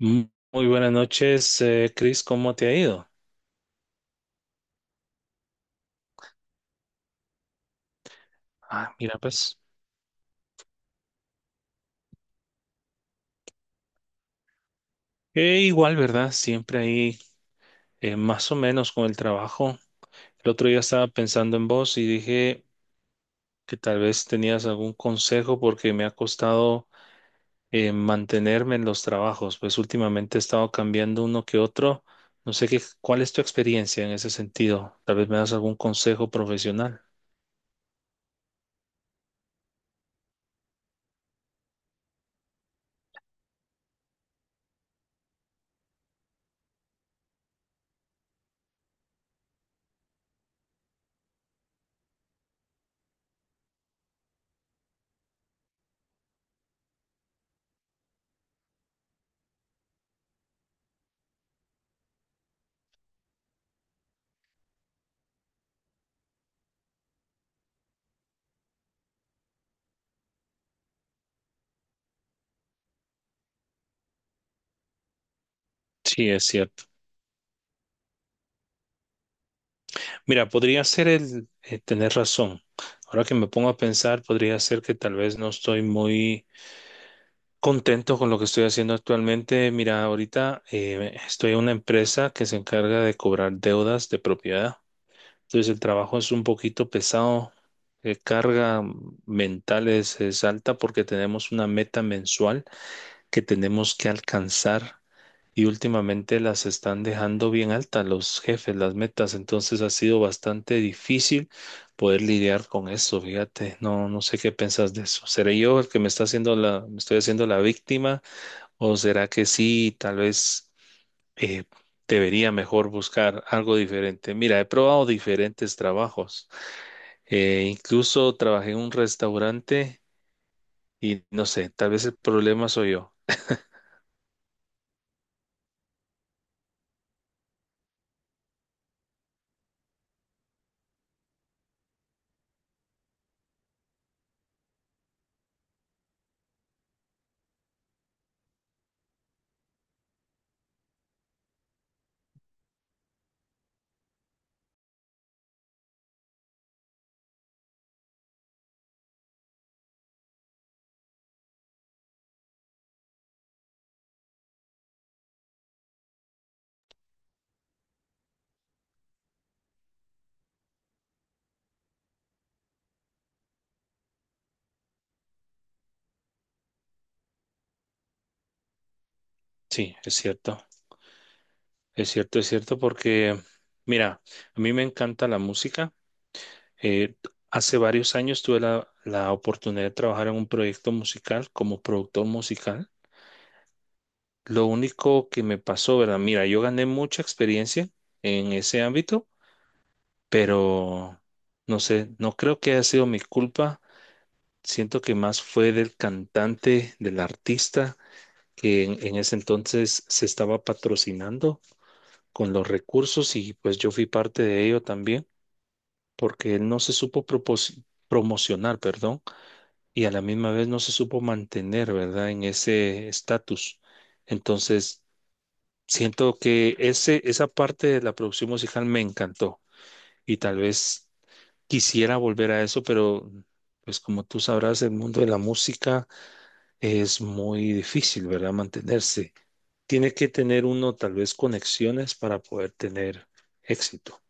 Mm, muy buenas noches, Chris, ¿cómo te ha ido? Ah, mira, pues igual, ¿verdad? Siempre ahí, más o menos con el trabajo. El otro día estaba pensando en vos y dije que tal vez tenías algún consejo porque me ha costado mantenerme en los trabajos, pues últimamente he estado cambiando uno que otro. No sé qué, ¿cuál es tu experiencia en ese sentido? Tal vez me das algún consejo profesional. Sí, es cierto. Mira, podría ser el tener razón. Ahora que me pongo a pensar, podría ser que tal vez no estoy muy contento con lo que estoy haciendo actualmente. Mira, ahorita estoy en una empresa que se encarga de cobrar deudas de propiedad. Entonces el trabajo es un poquito pesado. Carga mental es alta porque tenemos una meta mensual que tenemos que alcanzar y últimamente las están dejando bien altas los jefes, las metas, entonces ha sido bastante difícil poder lidiar con eso, fíjate, no sé qué piensas de eso. ¿Seré yo el que me está haciendo la, me estoy haciendo la víctima, o será que sí, tal vez eh, debería mejor buscar algo diferente? Mira, he probado diferentes trabajos, incluso trabajé en un restaurante y no sé, tal vez el problema soy yo. Sí, es cierto. Es cierto, es cierto, porque mira, a mí me encanta la música. Eh, Hace varios años tuve la oportunidad de trabajar en un proyecto musical como productor musical. Lo único que me pasó, ¿verdad? Mira, yo gané mucha experiencia en ese ámbito, pero no sé, no creo que haya sido mi culpa. Siento que más fue del cantante, del artista, que en ese entonces se estaba patrocinando con los recursos y pues yo fui parte de ello también porque él no se supo promocionar, perdón, y a la misma vez no se supo mantener, ¿verdad? En ese estatus. Entonces, siento que esa parte de la producción musical me encantó y tal vez quisiera volver a eso, pero pues como tú sabrás, el mundo de la música es muy difícil, ¿verdad? Mantenerse. Tiene que tener uno tal vez conexiones para poder tener éxito.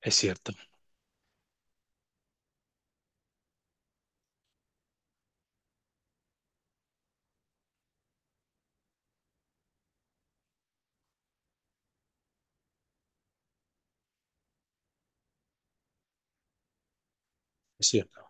Es cierto, es cierto.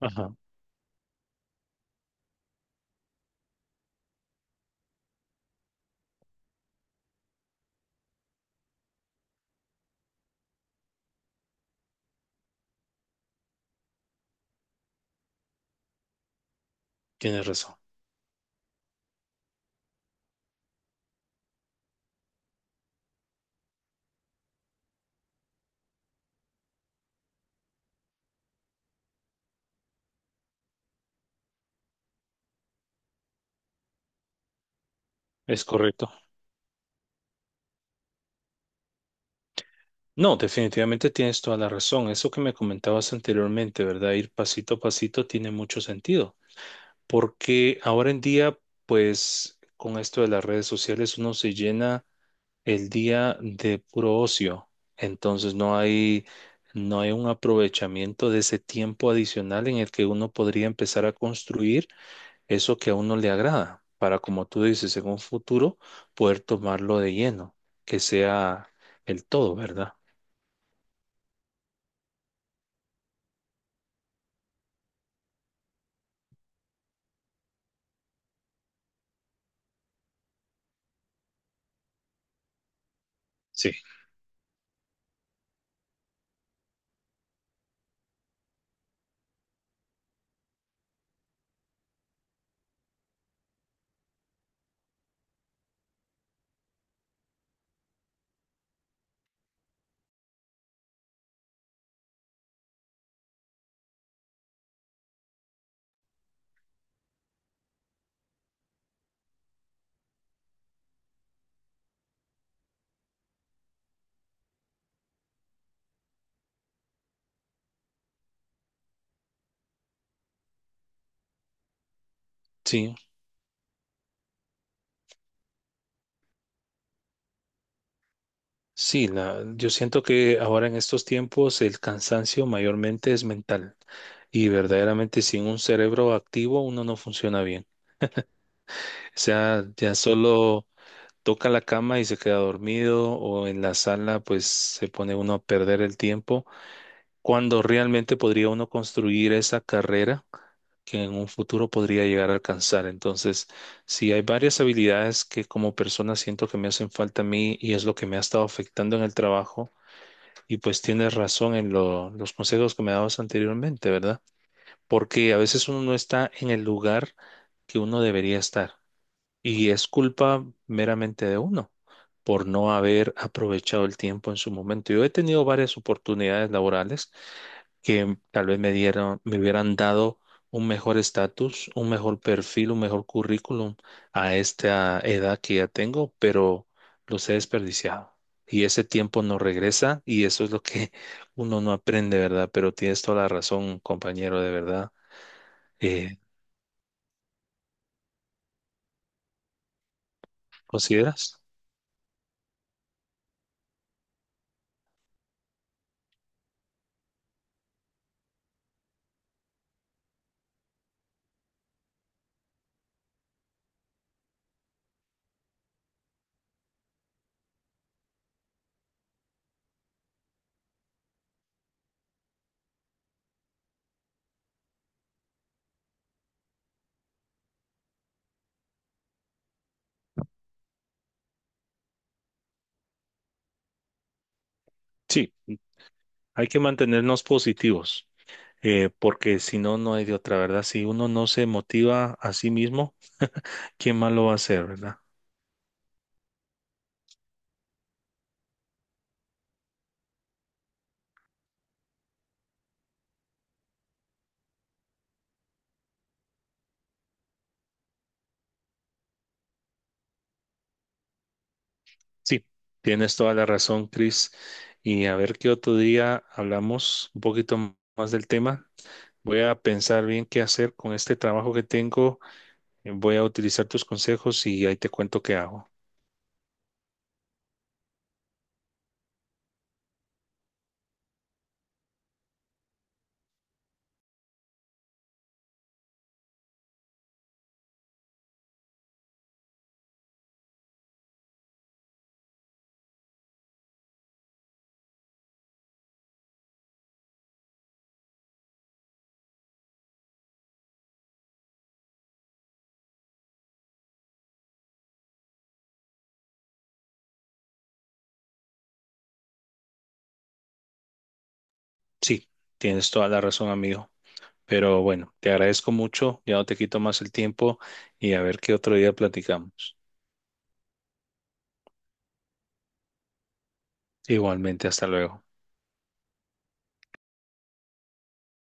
Ajá, tienes razón, es correcto. No, definitivamente tienes toda la razón. Eso que me comentabas anteriormente, ¿verdad? Ir pasito a pasito tiene mucho sentido, porque ahora en día, pues con esto de las redes sociales, uno se llena el día de puro ocio. Entonces no hay un aprovechamiento de ese tiempo adicional en el que uno podría empezar a construir eso que a uno le agrada, para como tú dices, en un futuro poder tomarlo de lleno, que sea el todo, ¿verdad? Sí, sí, sí, la, yo siento que ahora en estos tiempos el cansancio mayormente es mental y verdaderamente sin un cerebro activo uno no funciona bien. O sea, ya solo toca la cama y se queda dormido o en la sala pues se pone uno a perder el tiempo cuando realmente podría uno construir esa carrera que en un futuro podría llegar a alcanzar. Entonces, sí, hay varias habilidades que como persona siento que me hacen falta a mí y es lo que me ha estado afectando en el trabajo. Y pues tienes razón en los consejos que me dabas anteriormente, ¿verdad? Porque a veces uno no está en el lugar que uno debería estar y es culpa meramente de uno por no haber aprovechado el tiempo en su momento. Yo he tenido varias oportunidades laborales que tal vez me dieron, me hubieran dado un mejor estatus, un mejor perfil, un mejor currículum a esta edad que ya tengo, pero los he desperdiciado. Y ese tiempo no regresa y eso es lo que uno no aprende, ¿verdad? Pero tienes toda la razón, compañero, de verdad. Eh, ¿Consideras? Sí, hay que mantenernos positivos. Porque si no, no hay de otra, ¿verdad? Si uno no se motiva a sí mismo, ¿quién más lo va a hacer, verdad? Sí, tienes toda la razón, Chris. Y a ver qué otro día hablamos un poquito más del tema. Voy a pensar bien qué hacer con este trabajo que tengo. Voy a utilizar tus consejos y ahí te cuento qué hago. Sí, tienes toda la razón, amigo. Pero bueno, te agradezco mucho. Ya no te quito más el tiempo y a ver qué otro día platicamos. Igualmente, hasta luego.